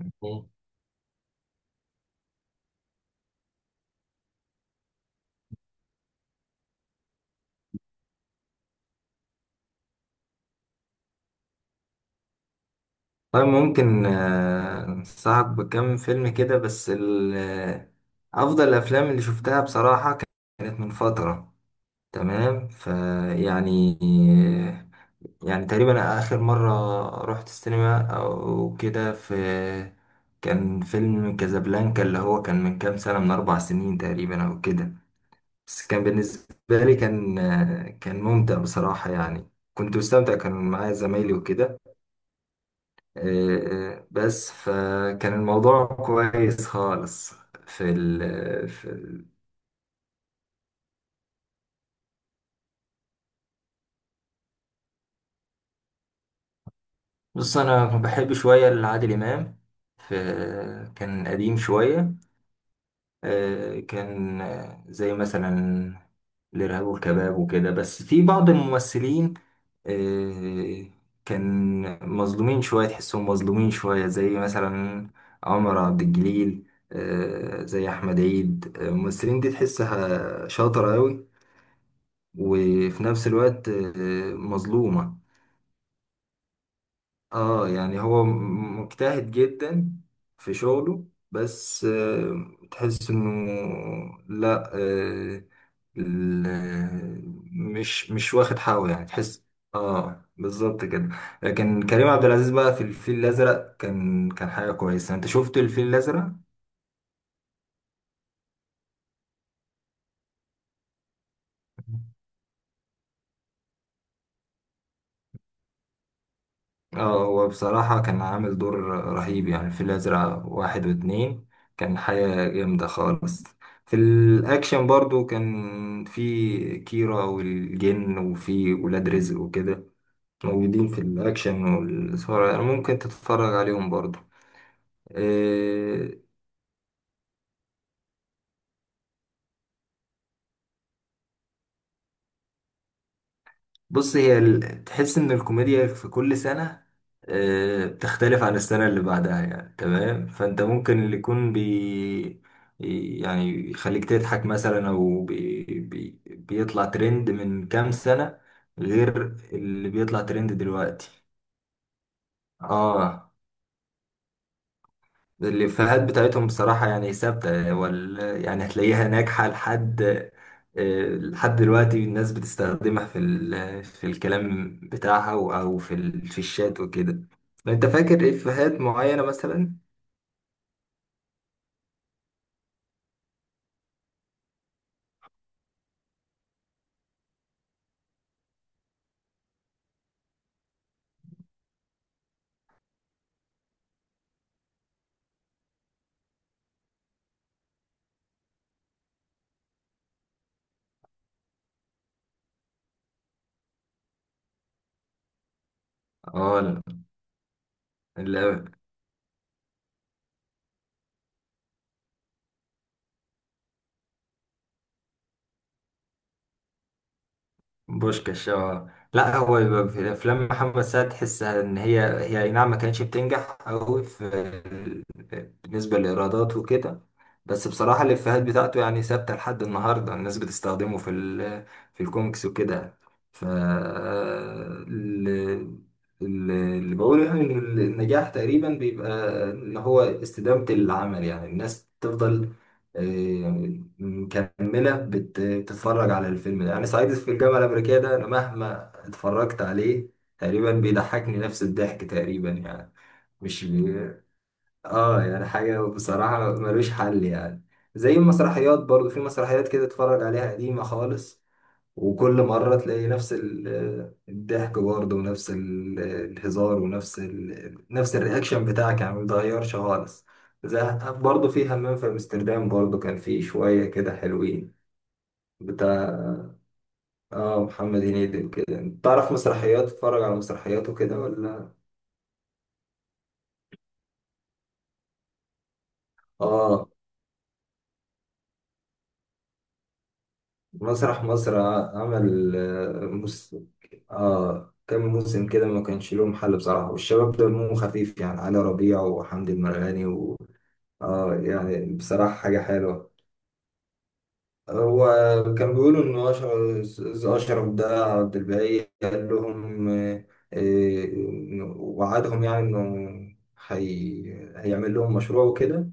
مم. طيب ممكن أنصحك بكم فيلم كده بس أفضل الأفلام اللي شفتها بصراحة كانت من فترة تمام فيعني يعني يعني تقريبا آخر مرة رحت السينما أو كده في كان فيلم كازابلانكا اللي هو كان من كام سنة من 4 سنين تقريبا أو كده. بس كان بالنسبة لي كان كان ممتع بصراحة يعني. كنت مستمتع كان معايا زمايلي وكده. بس فكان الموضوع كويس خالص في ال في ال- بص، انا بحب شويه لعادل امام، في كان قديم شويه كان زي مثلا الارهاب والكباب وكده. بس في بعض الممثلين آه، كان مظلومين شويه، تحسهم مظلومين شويه زي مثلا عمر عبد الجليل، زي احمد عيد. الممثلين دي تحسها شاطره قوي وفي نفس الوقت مظلومة. اه يعني هو مجتهد جدا في شغله. بس تحس انه لا ال- آه، مش واخد حقه، يعني تحس. اه بالظبط كده. لكن كريم عبد العزيز بقى، في الفيل الازرق كان حاجة كويسة. انت شفت الفيل الازرق؟ اه هو بصراحة كان عامل دور رهيب يعني في الأزرق واحد واتنين، كان حاجة جامدة خالص. في الأكشن برضو كان في كيرا والجن وفي ولاد رزق وكده موجودين في الأكشن والإثارة، يعني ممكن تتفرج عليهم برضو. آه، بص، تحس ان الكوميديا في كل سنة بتختلف عن السنة اللي بعدها، يعني تمام، فانت ممكن اللي يكون يعني يخليك تضحك مثلا، او بي بي بيطلع ترند من كام سنة غير اللي بيطلع ترند دلوقتي. اه الإفيهات بتاعتهم بصراحة يعني ثابتة يعني هتلاقيها ناجحة لحد لحد دلوقتي، الناس بتستخدمها في الكلام بتاعها أو في الشات وكده. أنت فاكر إفيهات معينة مثلا؟ اه لا. بوشكاش، اه، لا هو يبقى في افلام محمد سعد تحسها ان هي هي، اي نعم ما كانتش بتنجح قوي في بالنسبه للايرادات وكده، بس بصراحه الافيهات بتاعته يعني ثابته لحد النهارده، الناس بتستخدمه في الكوميكس وكده. ف ال- اللي بقوله يعني ان النجاح تقريبا بيبقى اللي هو استدامه العمل، يعني الناس تفضل آه، مكملة بتتفرج على الفيلم ده، يعني صعيدي في الجامعة الأمريكية ده أنا مهما اتفرجت عليه تقريبا بيضحكني نفس الضحك تقريبا يعني، مش بي... اه يعني حاجة بصراحة ملوش حل يعني. زي المسرحيات برضو، في مسرحيات كده اتفرج عليها قديمة خالص، وكل مرة تلاقي نفس الضحك برضه، ونفس الهزار، ونفس نفس الرياكشن بتاعك يعني ما بيتغيرش خالص. زي برضه في همام في امستردام برضه، كان فيه شوية كده حلوين بتاع، اه محمد هنيدي وكده. تعرف مسرحيات، تتفرج على مسرحيات وكده، ولا؟ اه مسرح مصر عمل اه كام موسم كده ما كانش لهم حل بصراحة، والشباب دمهم خفيف يعني، علي ربيع وحمدي المرغني اه يعني بصراحة حاجة حلوة. هو كان بيقولوا إن أشرف ده عبد الباقي قال لهم، آه، وعدهم يعني إنه هي... هيعمل لهم مشروع وكده،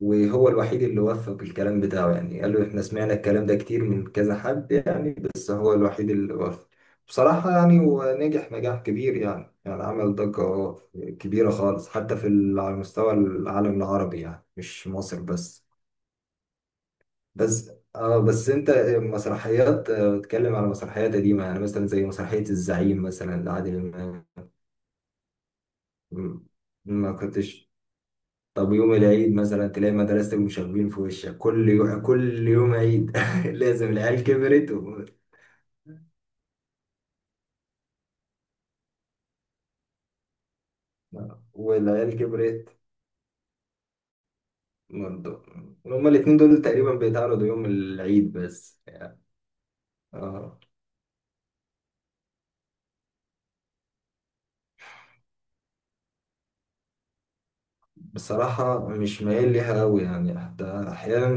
وهو الوحيد اللي وفق الكلام بتاعه، يعني قال له احنا سمعنا الكلام ده كتير من كذا حد يعني، بس هو الوحيد اللي وفق بصراحة يعني، ونجح نجاح كبير يعني، يعني عمل ضجة كبيرة خالص حتى على مستوى العالم العربي، يعني مش مصر بس. بس انت مسرحيات بتتكلم على مسرحيات قديمة يعني مثلا زي مسرحية الزعيم مثلا لعادل إمام. ما كنتش؟ طب يوم العيد مثلا تلاقي مدرستك مشاغبين في وشك، كل يوم، كل يوم عيد لازم، العيال كبرت والعيال كبرت برضه. هما الاتنين دول تقريبا بيتعرضوا يوم العيد بس يعني. آه. بصراحة مش مايل ليها أوي يعني، حتى أحيانا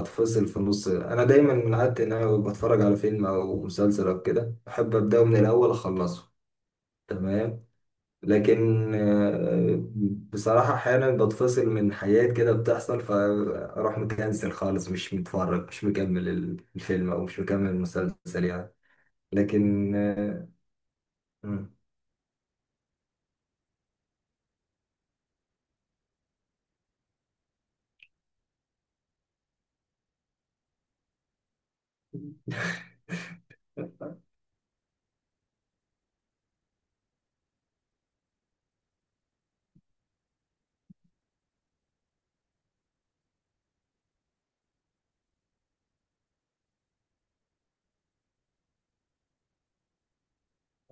بتفصل في النص. أنا دايما من عادتي إن أنا بتفرج على فيلم أو مسلسل أو كده أحب أبدأه من الأول أخلصه تمام، لكن بصراحة أحيانا بتفصل من حاجات كده بتحصل، فأروح مكنسل خالص، مش متفرج، مش مكمل الفيلم أو مش مكمل المسلسل يعني. لكن مم.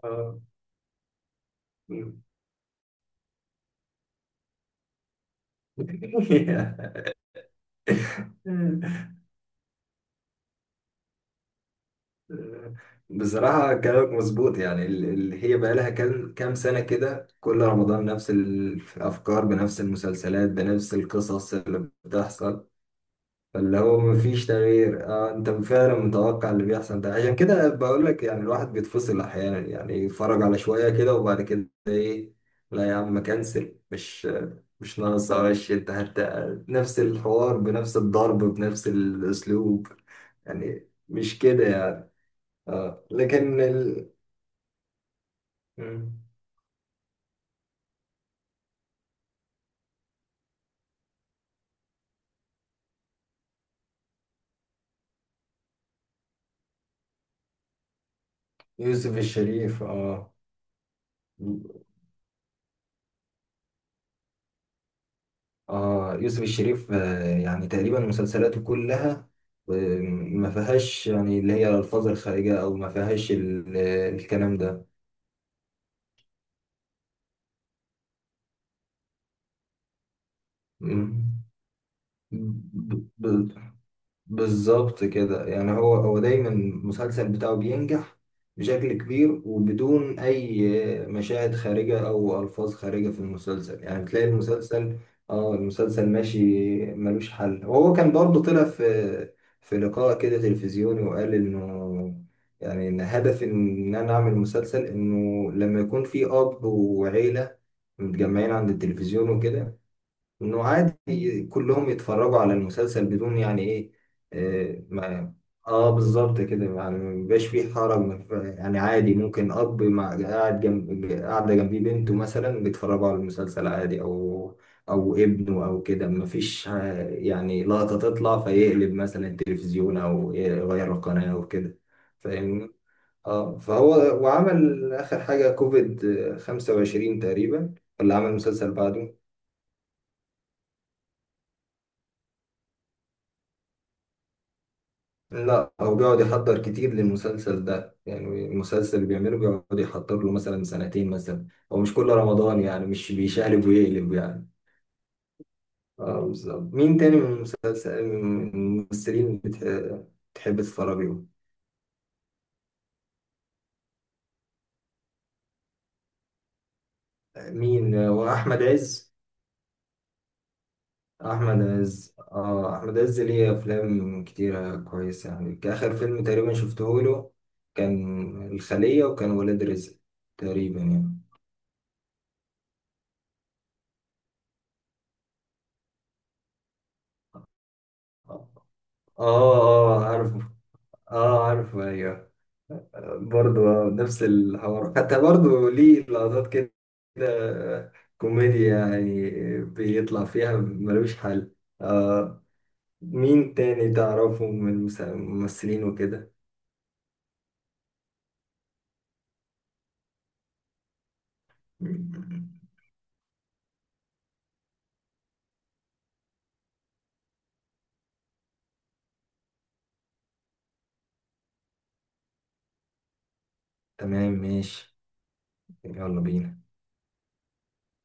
آه، مم. بصراحة كلامك مظبوط، يعني اللي هي بقى لها كام سنة كده كل رمضان نفس الأفكار بنفس المسلسلات بنفس القصص اللي بتحصل، اللي هو مفيش تغيير. اه انت فعلا متوقع اللي بيحصل ده، عشان كده بقول لك يعني الواحد بيتفصل احيانا يعني، يتفرج على شوية كده وبعد كده ايه، لا يا عم كنسل، مش ناقص وش انت هت. نفس الحوار بنفس الضرب بنفس الاسلوب، يعني مش كده يعني. اه لكن مم. يوسف الشريف، اه يوسف الشريف، يعني تقريبا مسلسلاته كلها آه، ما فيهاش يعني اللي هي الألفاظ الخارجة، أو ما فيهاش الكلام ده. مم. ب- ب- بالظبط كده يعني، هو دايما المسلسل بتاعه بينجح بشكل كبير وبدون أي مشاهد خارجة أو ألفاظ خارجة في المسلسل، يعني بتلاقي المسلسل، اه المسلسل ماشي ملوش حل. وهو كان برضه طلع في لقاء كده تلفزيوني وقال إنه يعني إن هدف إن أنا أعمل مسلسل، إنه لما يكون في أب وعيلة متجمعين عند التلفزيون وكده، انه عادي كلهم يتفرجوا على المسلسل بدون يعني ايه. اه, ما بالظبط كده، يعني مبيبقاش فيه حرج، ما ف- يعني عادي ممكن اب مع قاعد جنب قاعده جنبيه بنته مثلا بيتفرجوا على المسلسل عادي، او او ابنه او كده، مفيش يعني لقطه تطلع فيقلب مثلا التلفزيون او يغير القناه او كده. فاهمني؟ اه فهو وعمل اخر حاجه كوفيد 25 تقريبا، ولا عمل مسلسل بعده؟ لا هو بيقعد يحضر كتير للمسلسل ده، يعني المسلسل اللي بيعمله بيقعد يحضر له مثلا سنتين مثلا، هو مش كل رمضان يعني، مش بيشقلب ويقلب يعني. اه بالظبط. مين تاني من المسلسل من الممثلين بتحب تتفرج لهم؟ مين، واحمد عز، احمد عز. اه احمد عز ليه افلام كتيرة كويسة يعني، كآخر فيلم تقريبا شفته له كان الخلية وكان ولاد رزق. تقريبا يعني. اه اه عارف، اه عارف، ايوه. برضو نفس الحوار، حتى برضو ليه لقطات كده آه، كوميديا يعني بيطلع فيها ملوش حل. آه مين تاني تعرفه من الممثلين وكده؟ تمام ماشي، يلا بينا.